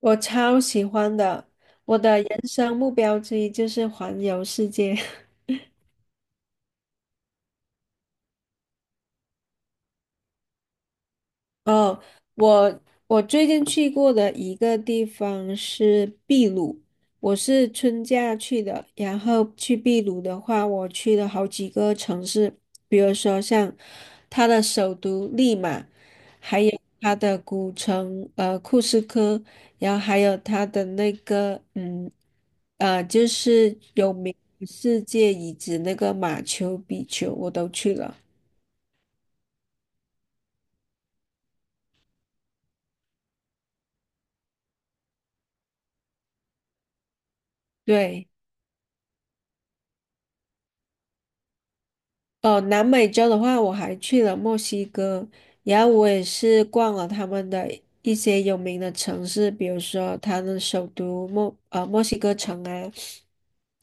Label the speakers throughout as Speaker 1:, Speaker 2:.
Speaker 1: 我超喜欢的，我的人生目标之一就是环游世界。哦，我我最近去过的一个地方是秘鲁，我是春假去的。然后去秘鲁的话，我去了好几个城市，比如说像它的首都利马，还有它的古城库斯科，然后还有它的那个就是有名世界遗址那个马丘比丘，我都去了。对。哦，南美洲的话，我还去了墨西哥，然后我也是逛了他们的一些有名的城市，比如说他们首都墨西哥城啊，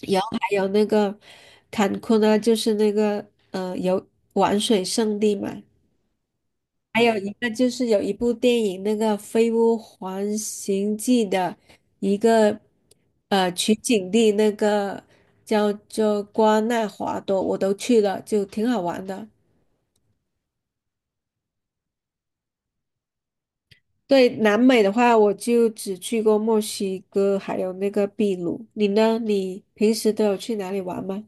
Speaker 1: 然后还有那个坎昆啊，就是那个游玩水圣地嘛，还有一个就是有一部电影那个《飞屋环形记》的一个取景地，那个叫做瓜纳华多，我都去了，就挺好玩的。对，南美的话，我就只去过墨西哥，还有那个秘鲁。你呢？你平时都有去哪里玩吗？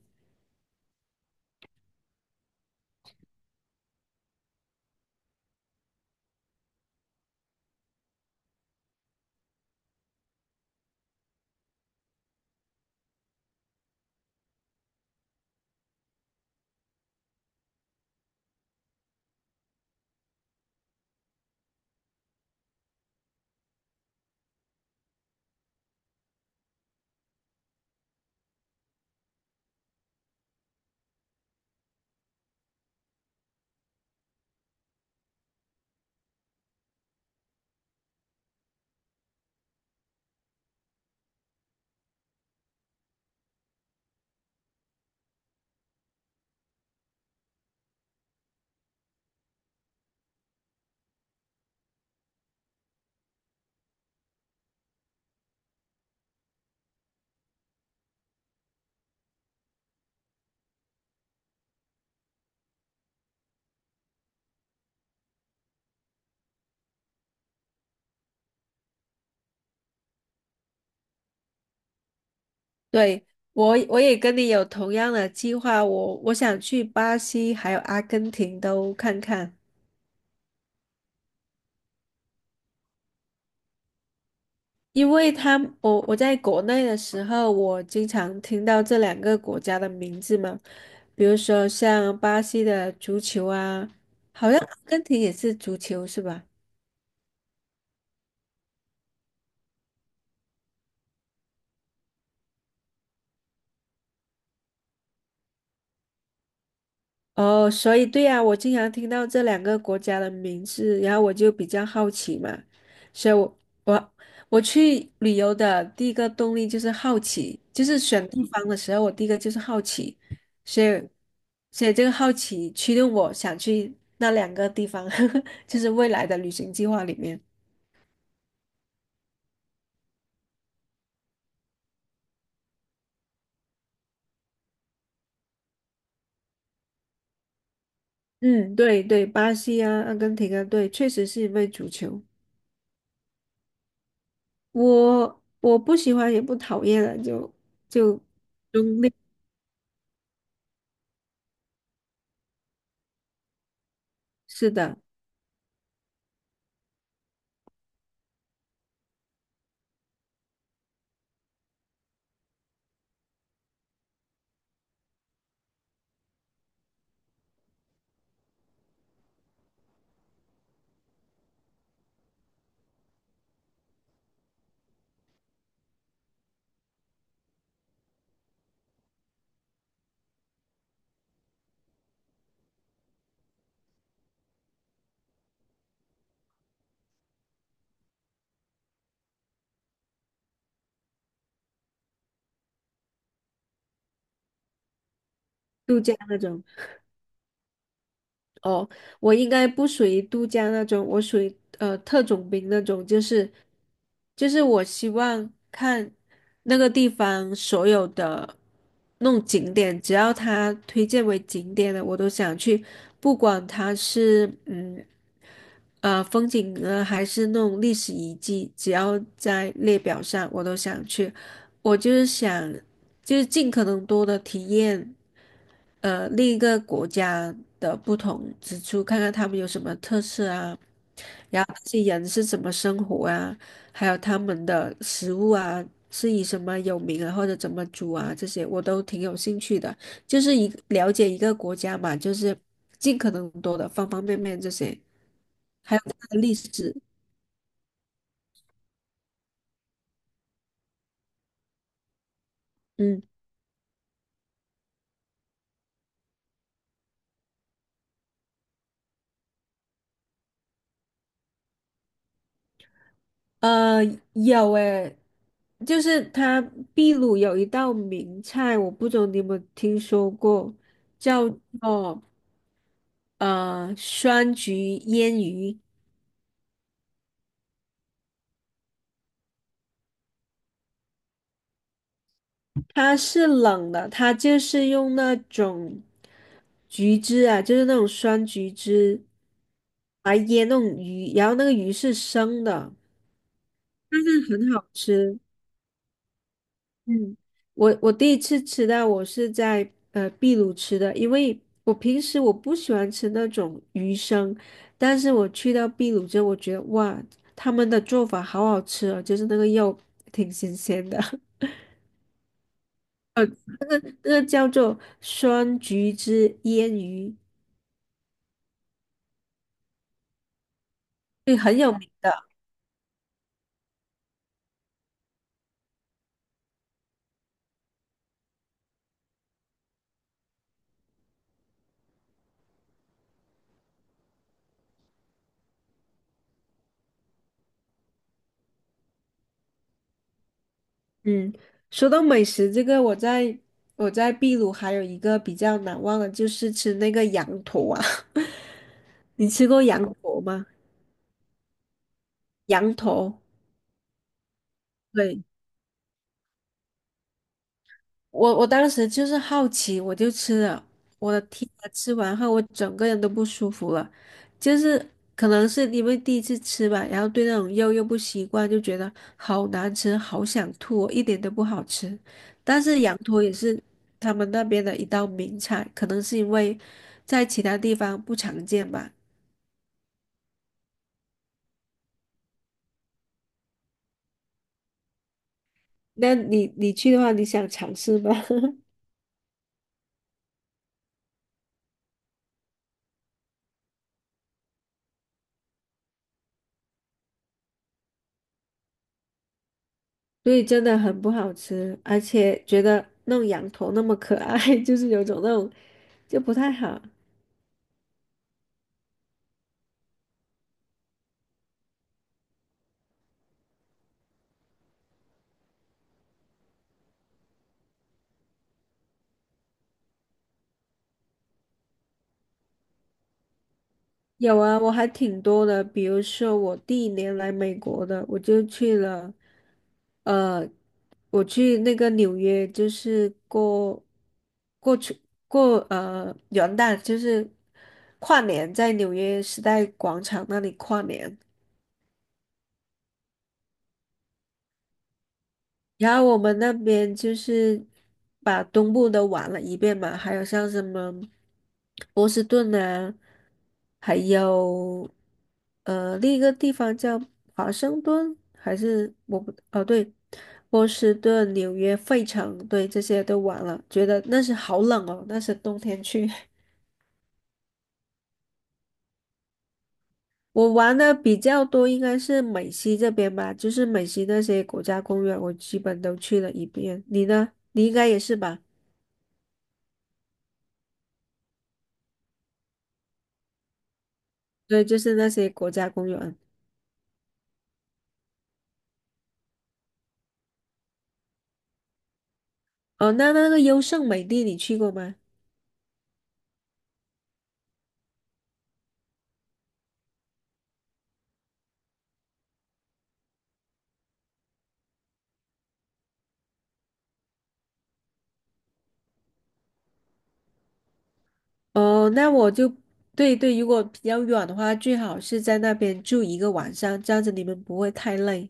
Speaker 1: 对，我也跟你有同样的计划，我想去巴西还有阿根廷都看看，因为他们我在国内的时候，我经常听到这两个国家的名字嘛，比如说像巴西的足球啊，好像阿根廷也是足球是吧？哦，所以对呀，我经常听到这两个国家的名字，然后我就比较好奇嘛，所以我我我去旅游的第一个动力就是好奇，就是选地方的时候，我第一个就是好奇，所以所以这个好奇驱动我想去那两个地方，就是未来的旅行计划里面。嗯，对对，巴西啊，阿根廷啊，对，确实是因为足球，我不喜欢也不讨厌了，就中立，是的。度假那种。哦，我应该不属于度假那种，我属于特种兵那种，就是我希望看那个地方所有的那种景点，只要它推荐为景点的，我都想去，不管它是风景呢，还是那种历史遗迹，只要在列表上，我都想去。我就是想尽可能多的体验。另一个国家的不同之处，看看他们有什么特色啊，然后这些人是怎么生活啊，还有他们的食物啊，是以什么有名啊，或者怎么煮啊，这些我都挺有兴趣的。就是一了解一个国家嘛，就是尽可能多的方方面面这些，还有它的历史，嗯，呃，有诶。就是它秘鲁有一道名菜，我不知道你有没有听说过，叫做酸橘腌鱼，它是冷的，它就是用那种橘汁啊，就是那种酸橘汁来腌那种鱼，然后那个鱼是生的，很好吃。嗯，我第一次吃到，我是在秘鲁吃的，因为我平时我不喜欢吃那种鱼生，但是我去到秘鲁之后，我觉得哇，他们的做法好好吃哦，就是那个肉挺新鲜的。这个叫做酸橘汁腌鱼，对，很有名。嗯，说到美食，这个我在秘鲁还有一个比较难忘的，就是吃那个羊驼啊。你吃过羊驼吗？羊驼，对，我当时就是好奇，我就吃了。我的天啊，吃完后我整个人都不舒服了，就是可能是因为第一次吃吧，然后对那种肉又不习惯，就觉得好难吃，好想吐哦一点都不好吃。但是羊驼也是他们那边的一道名菜，可能是因为在其他地方不常见吧。那你去的话，你想尝试吗？所以真的很不好吃，而且觉得那种羊驼那么可爱，就是有种那种就不太好。有啊，我还挺多的，比如说我第一年来美国的，我就去了，呃，我去那个纽约，就是过去过元旦，就是跨年在纽约时代广场那里跨年。然后我们那边就是把东部都玩了一遍嘛，还有像什么波士顿啊，还有另一个地方叫华盛顿，还是我不哦对，波士顿、纽约、费城，对这些都玩了，觉得那是好冷哦，那是冬天去。我玩的比较多应该是美西这边吧，就是美西那些国家公园，我基本都去了一遍。你呢？你应该也是吧？对，就是那些国家公园。哦，那那个优胜美地你去过吗？哦，那我就对对，如果比较远的话，最好是在那边住一个晚上，这样子你们不会太累。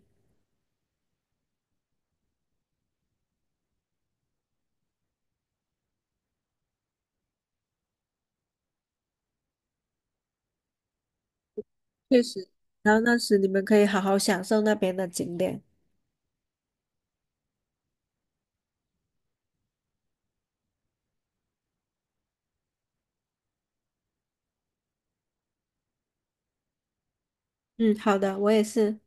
Speaker 1: 确实，然后那时你们可以好好享受那边的景点。嗯，好的，我也是。